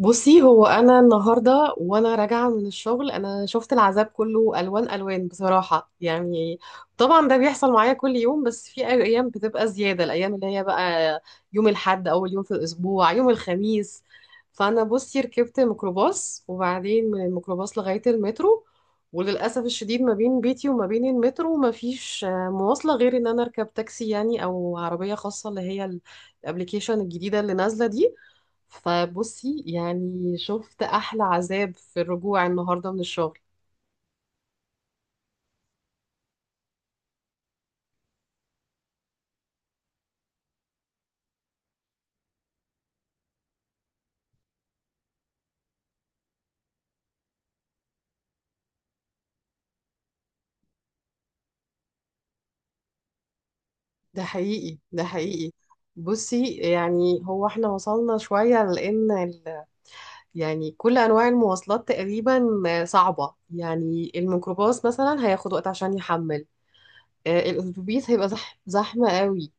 بصي، هو انا النهارده وانا راجعه من الشغل انا شفت العذاب كله الوان الوان بصراحه يعني. طبعا ده بيحصل معايا كل يوم، بس في ايام بتبقى زياده، الايام اللي هي بقى يوم الاحد اول يوم في الاسبوع، يوم الخميس. فانا بصي ركبت ميكروباص وبعدين من الميكروباص لغايه المترو. وللاسف الشديد ما بين بيتي وما بين المترو ما فيش مواصله غير ان انا اركب تاكسي يعني، او عربيه خاصه اللي هي الابليكيشن الجديده اللي نازله دي. فبصي يعني شفت احلى عذاب في الرجوع النهارده من الشغل. ده حقيقي، ده حقيقي. بصي يعني هو احنا وصلنا شويه لان يعني كل انواع المواصلات تقريبا صعبه، يعني الميكروباص مثلا هياخد وقت عشان يحمل، الاتوبيس هيبقى زحمه قوي.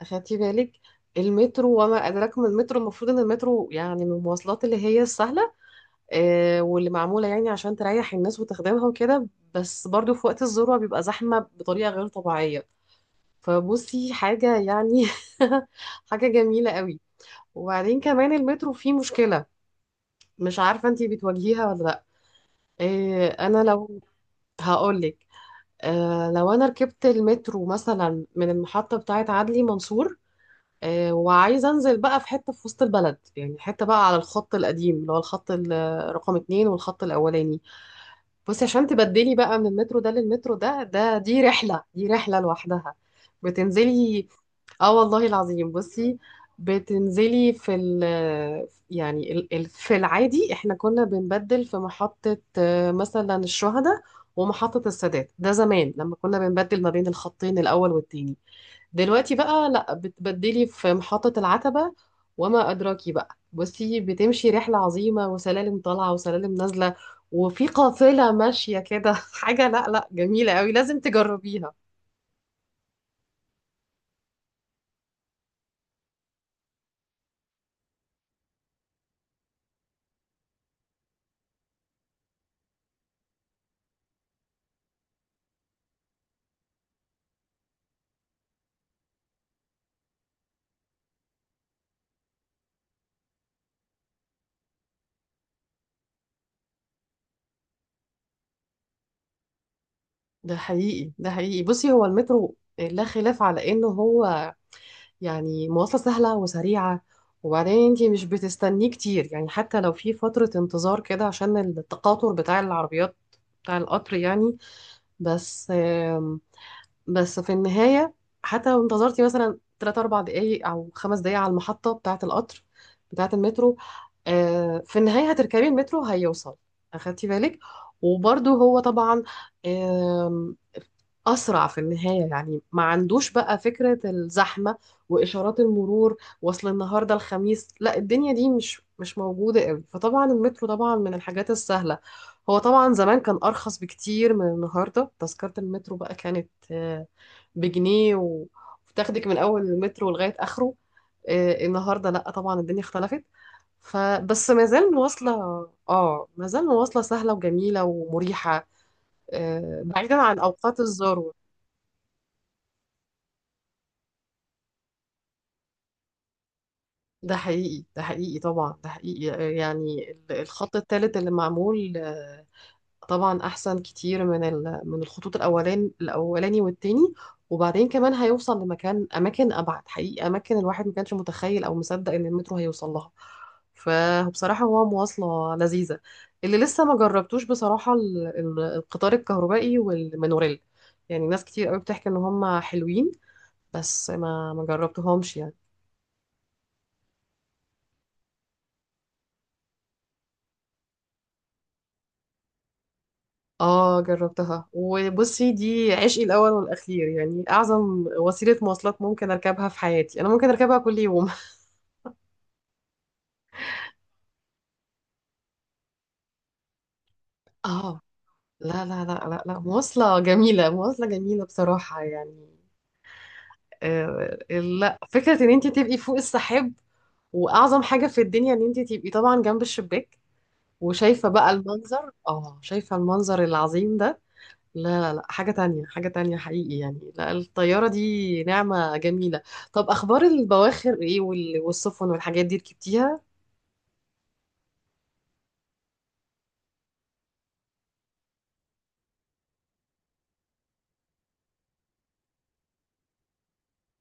اخدتي بالك؟ المترو وما ادراك ما المترو، المفروض ان المترو يعني من المواصلات اللي هي السهله، واللي معمولة يعني عشان تريح الناس وتخدمها وكده. بس برضو في وقت الذروة بيبقى زحمة بطريقة غير طبيعية. فبصي حاجة يعني حاجة جميلة قوي. وبعدين كمان المترو فيه مشكلة، مش عارفة انتي بتواجهيها ولا لأ. انا لو هقولك. لو انا ركبت المترو مثلا من المحطة بتاعة عدلي منصور، وعايزة انزل بقى في حتة في وسط البلد، يعني حتة بقى على الخط القديم اللي هو الخط رقم اتنين، والخط الاولاني. بصي عشان تبدلي بقى من المترو ده للمترو ده، دي رحلة، دي رحلة لوحدها. بتنزلي، اه والله العظيم بصي، بتنزلي في ال يعني ال ال في العادي احنا كنا بنبدل في محطة، مثلا الشهداء ومحطة السادات، ده زمان لما كنا بنبدل ما بين الخطين الأول والتاني. دلوقتي بقى لا، بتبدلي في محطة العتبة، وما أدراكي بقى. بصي بتمشي رحلة عظيمة، وسلالم طالعة وسلالم نازلة، وفي قافلة ماشية كده حاجة لا جميلة قوي، لازم تجربيها. ده حقيقي، ده حقيقي. بصي هو المترو لا خلاف على انه هو يعني مواصلة سهلة وسريعة. وبعدين انتي مش بتستنيه كتير، يعني حتى لو في فترة انتظار كده عشان التقاطر بتاع العربيات، بتاع القطر يعني. بس بس في النهاية حتى لو انتظرتي مثلا 3 4 دقايق أو 5 دقايق على المحطة بتاعة القطر، بتاعة المترو، في النهاية هتركبي المترو، هيوصل. أخدتي بالك؟ وبرضه هو طبعا أسرع في النهاية، يعني ما عندوش بقى فكرة الزحمة وإشارات المرور. وصل النهاردة الخميس، لا الدنيا دي مش موجودة قوي. فطبعا المترو طبعا من الحاجات السهلة. هو طبعا زمان كان أرخص بكتير من النهاردة، تذكرة المترو بقى كانت بجنيه وتاخدك من أول المترو لغاية آخره. النهاردة لا طبعا الدنيا اختلفت. فبس ما زال مواصلة، اه ما زال مواصلة سهلة وجميلة ومريحة، بعيدا عن أوقات الذروة. ده حقيقي، ده حقيقي، طبعا ده حقيقي. يعني الخط الثالث اللي معمول، طبعا احسن كتير من من الخطوط الاولاني والتاني. وبعدين كمان هيوصل لمكان، اماكن ابعد حقيقي، اماكن الواحد ما كانش متخيل او مصدق ان المترو هيوصل لها. فبصراحة هو مواصلة لذيذة. اللي لسه ما جربتوش بصراحة القطار الكهربائي والمونوريل، يعني ناس كتير قوي بتحكي ان هم حلوين، بس ما جربتهمش يعني. اه جربتها، وبصي دي عشقي الاول والاخير، يعني اعظم وسيله مواصلات ممكن اركبها في حياتي، انا ممكن اركبها كل يوم. اه، لا مواصله جميله، مواصله جميله بصراحه يعني. آه، لا، فكره ان انت تبقي فوق السحاب، واعظم حاجه في الدنيا ان انت تبقي طبعا جنب الشباك، وشايفه بقى المنظر، اه شايفه المنظر العظيم ده. لا حاجة تانية، حاجة تانية حقيقي يعني. لا الطيارة دي نعمة جميلة. طب أخبار البواخر إيه، والسفن والحاجات دي ركبتيها؟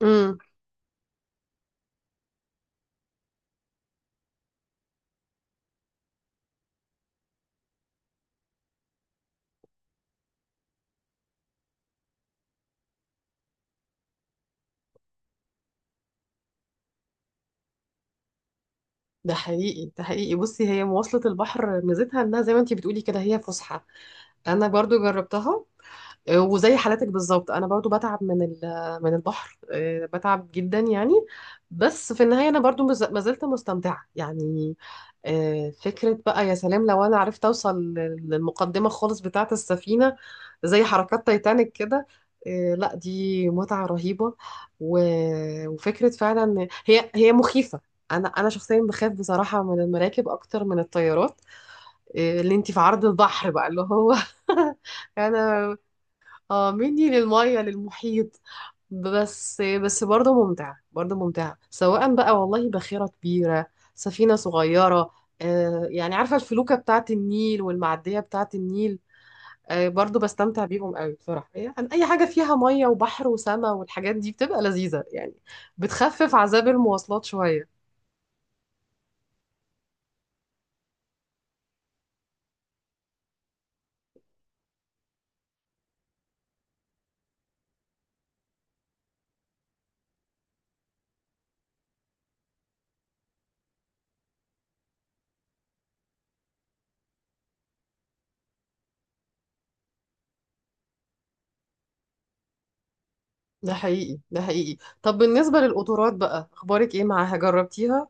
امم. ده حقيقي، ده حقيقي. بصي هي مواصلة البحر ميزتها إنها زي ما أنتي بتقولي كده، هي فسحة. أنا برضو جربتها. وزي حالتك بالظبط انا برضو بتعب من من البحر، بتعب جدا يعني. بس في النهايه انا برضو ما زلت مستمتعه يعني. فكره بقى يا سلام لو انا عرفت اوصل للمقدمه خالص بتاعه السفينه، زي حركات تايتانيك كده. لا دي متعه رهيبه. وفكره فعلا إن هي مخيفه. انا شخصيا بخاف بصراحه من المراكب اكتر من الطيارات، اللي انت في عرض البحر بقى اللي هو انا اه، مني للمية للمحيط. بس برضه ممتع، برضه ممتع، سواء بقى والله باخرة كبيرة، سفينة صغيرة. آه يعني عارفة الفلوكة بتاعة النيل والمعدية بتاعة النيل، آه برضه بستمتع بيهم قوي بصراحة. يعني أي حاجة فيها مية وبحر وسماء والحاجات دي بتبقى لذيذة يعني، بتخفف عذاب المواصلات شوية. ده حقيقي، ده حقيقي. طب بالنسبة للقطارات بقى أخبارك إيه معاها، جربتيها؟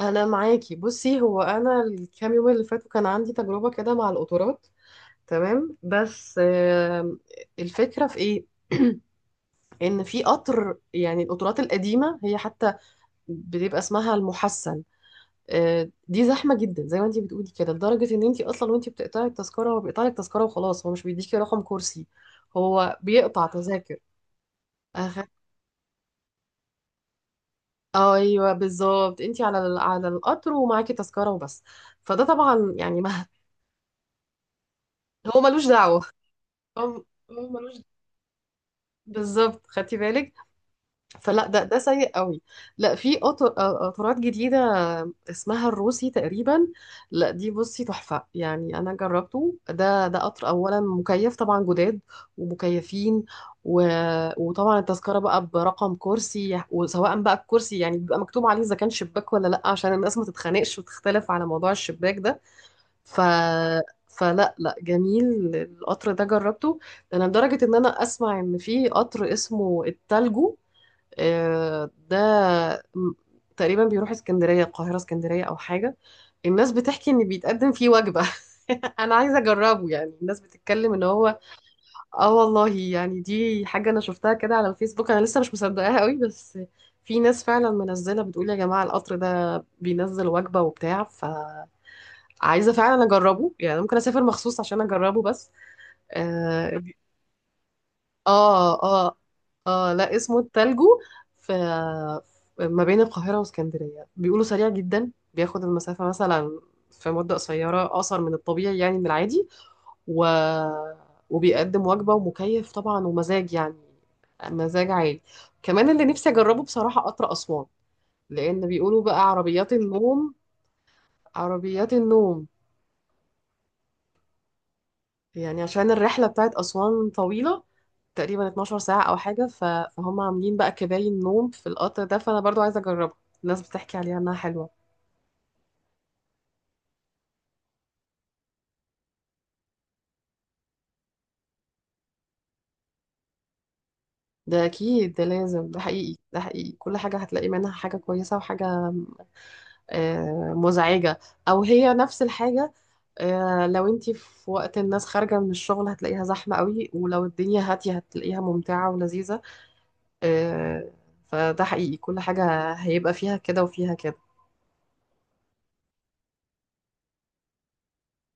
انا معاكي. بصي هو انا الكام يوم اللي فاتوا كان عندي تجربه كده مع القطارات. تمام، بس الفكره في ايه؟ ان في قطر، يعني القطارات القديمه هي حتى بتبقى اسمها المحسن، دي زحمه جدا زي ما انت بتقولي كده، لدرجه ان انت اصلا وانت بتقطعي التذكره هو بيقطع لك تذكره وخلاص، هو مش بيديكي رقم كرسي. هو بيقطع تذاكر. أخ... ايوه بالظبط، انت على على القطر ومعاكي تذكره وبس. فده طبعا يعني ما. هو ملوش دعوه، هو هو ملوش. بالظبط، خدتي بالك؟ فلا، ده سيء قوي. لا في قطارات جديده اسمها الروسي تقريبا. لا دي بصي تحفه يعني. انا جربته، ده قطر، اولا مكيف طبعا، جداد ومكيفين، و... وطبعا التذكره بقى برقم كرسي، وسواء بقى الكرسي يعني بيبقى مكتوب عليه اذا كان شباك ولا لا، عشان الناس ما تتخانقش وتختلف على موضوع الشباك ده. ف، فلا لا جميل. القطر ده جربته. ده انا لدرجة ان انا اسمع ان في قطر اسمه التلجو، ده م- تقريبا بيروح اسكندرية، القاهرة اسكندرية او حاجة. الناس بتحكي ان بيتقدم فيه وجبة. انا عايزة اجربه يعني، الناس بتتكلم ان هو، اه والله يعني دي حاجة انا شفتها كده على الفيسبوك، انا لسه مش مصدقاها قوي، بس في ناس فعلا منزلة بتقول يا جماعة القطر ده بينزل وجبة وبتاع. ف عايزة فعلا أجربه، يعني ممكن أسافر مخصوص عشان أجربه بس. آه، آه آه, آه لا اسمه التلجو، في ما بين القاهرة واسكندرية، بيقولوا سريع جدا بياخد المسافة مثلا في مدة قصيرة، أقصر من الطبيعي يعني من العادي. و... وبيقدم وجبة ومكيف طبعا، ومزاج يعني، مزاج عالي. كمان اللي نفسي أجربه بصراحة قطر أسوان، لأن بيقولوا بقى عربيات النوم. عربيات النوم يعني عشان الرحلة بتاعت أسوان طويلة، تقريبا 12 ساعة أو حاجة. فهم عاملين بقى كباين نوم في القطر ده، فأنا برضو عايزة أجربها، الناس بتحكي عليها إنها حلوة. ده أكيد، ده لازم، ده حقيقي، ده حقيقي. كل حاجة هتلاقي منها حاجة كويسة وحاجة مزعجة، أو هي نفس الحاجة، لو انتي في وقت الناس خارجة من الشغل هتلاقيها زحمة قوي، ولو الدنيا هادية هتلاقيها ممتعة ولذيذة. آه، فده حقيقي كل حاجة هيبقى فيها كده وفيها كده.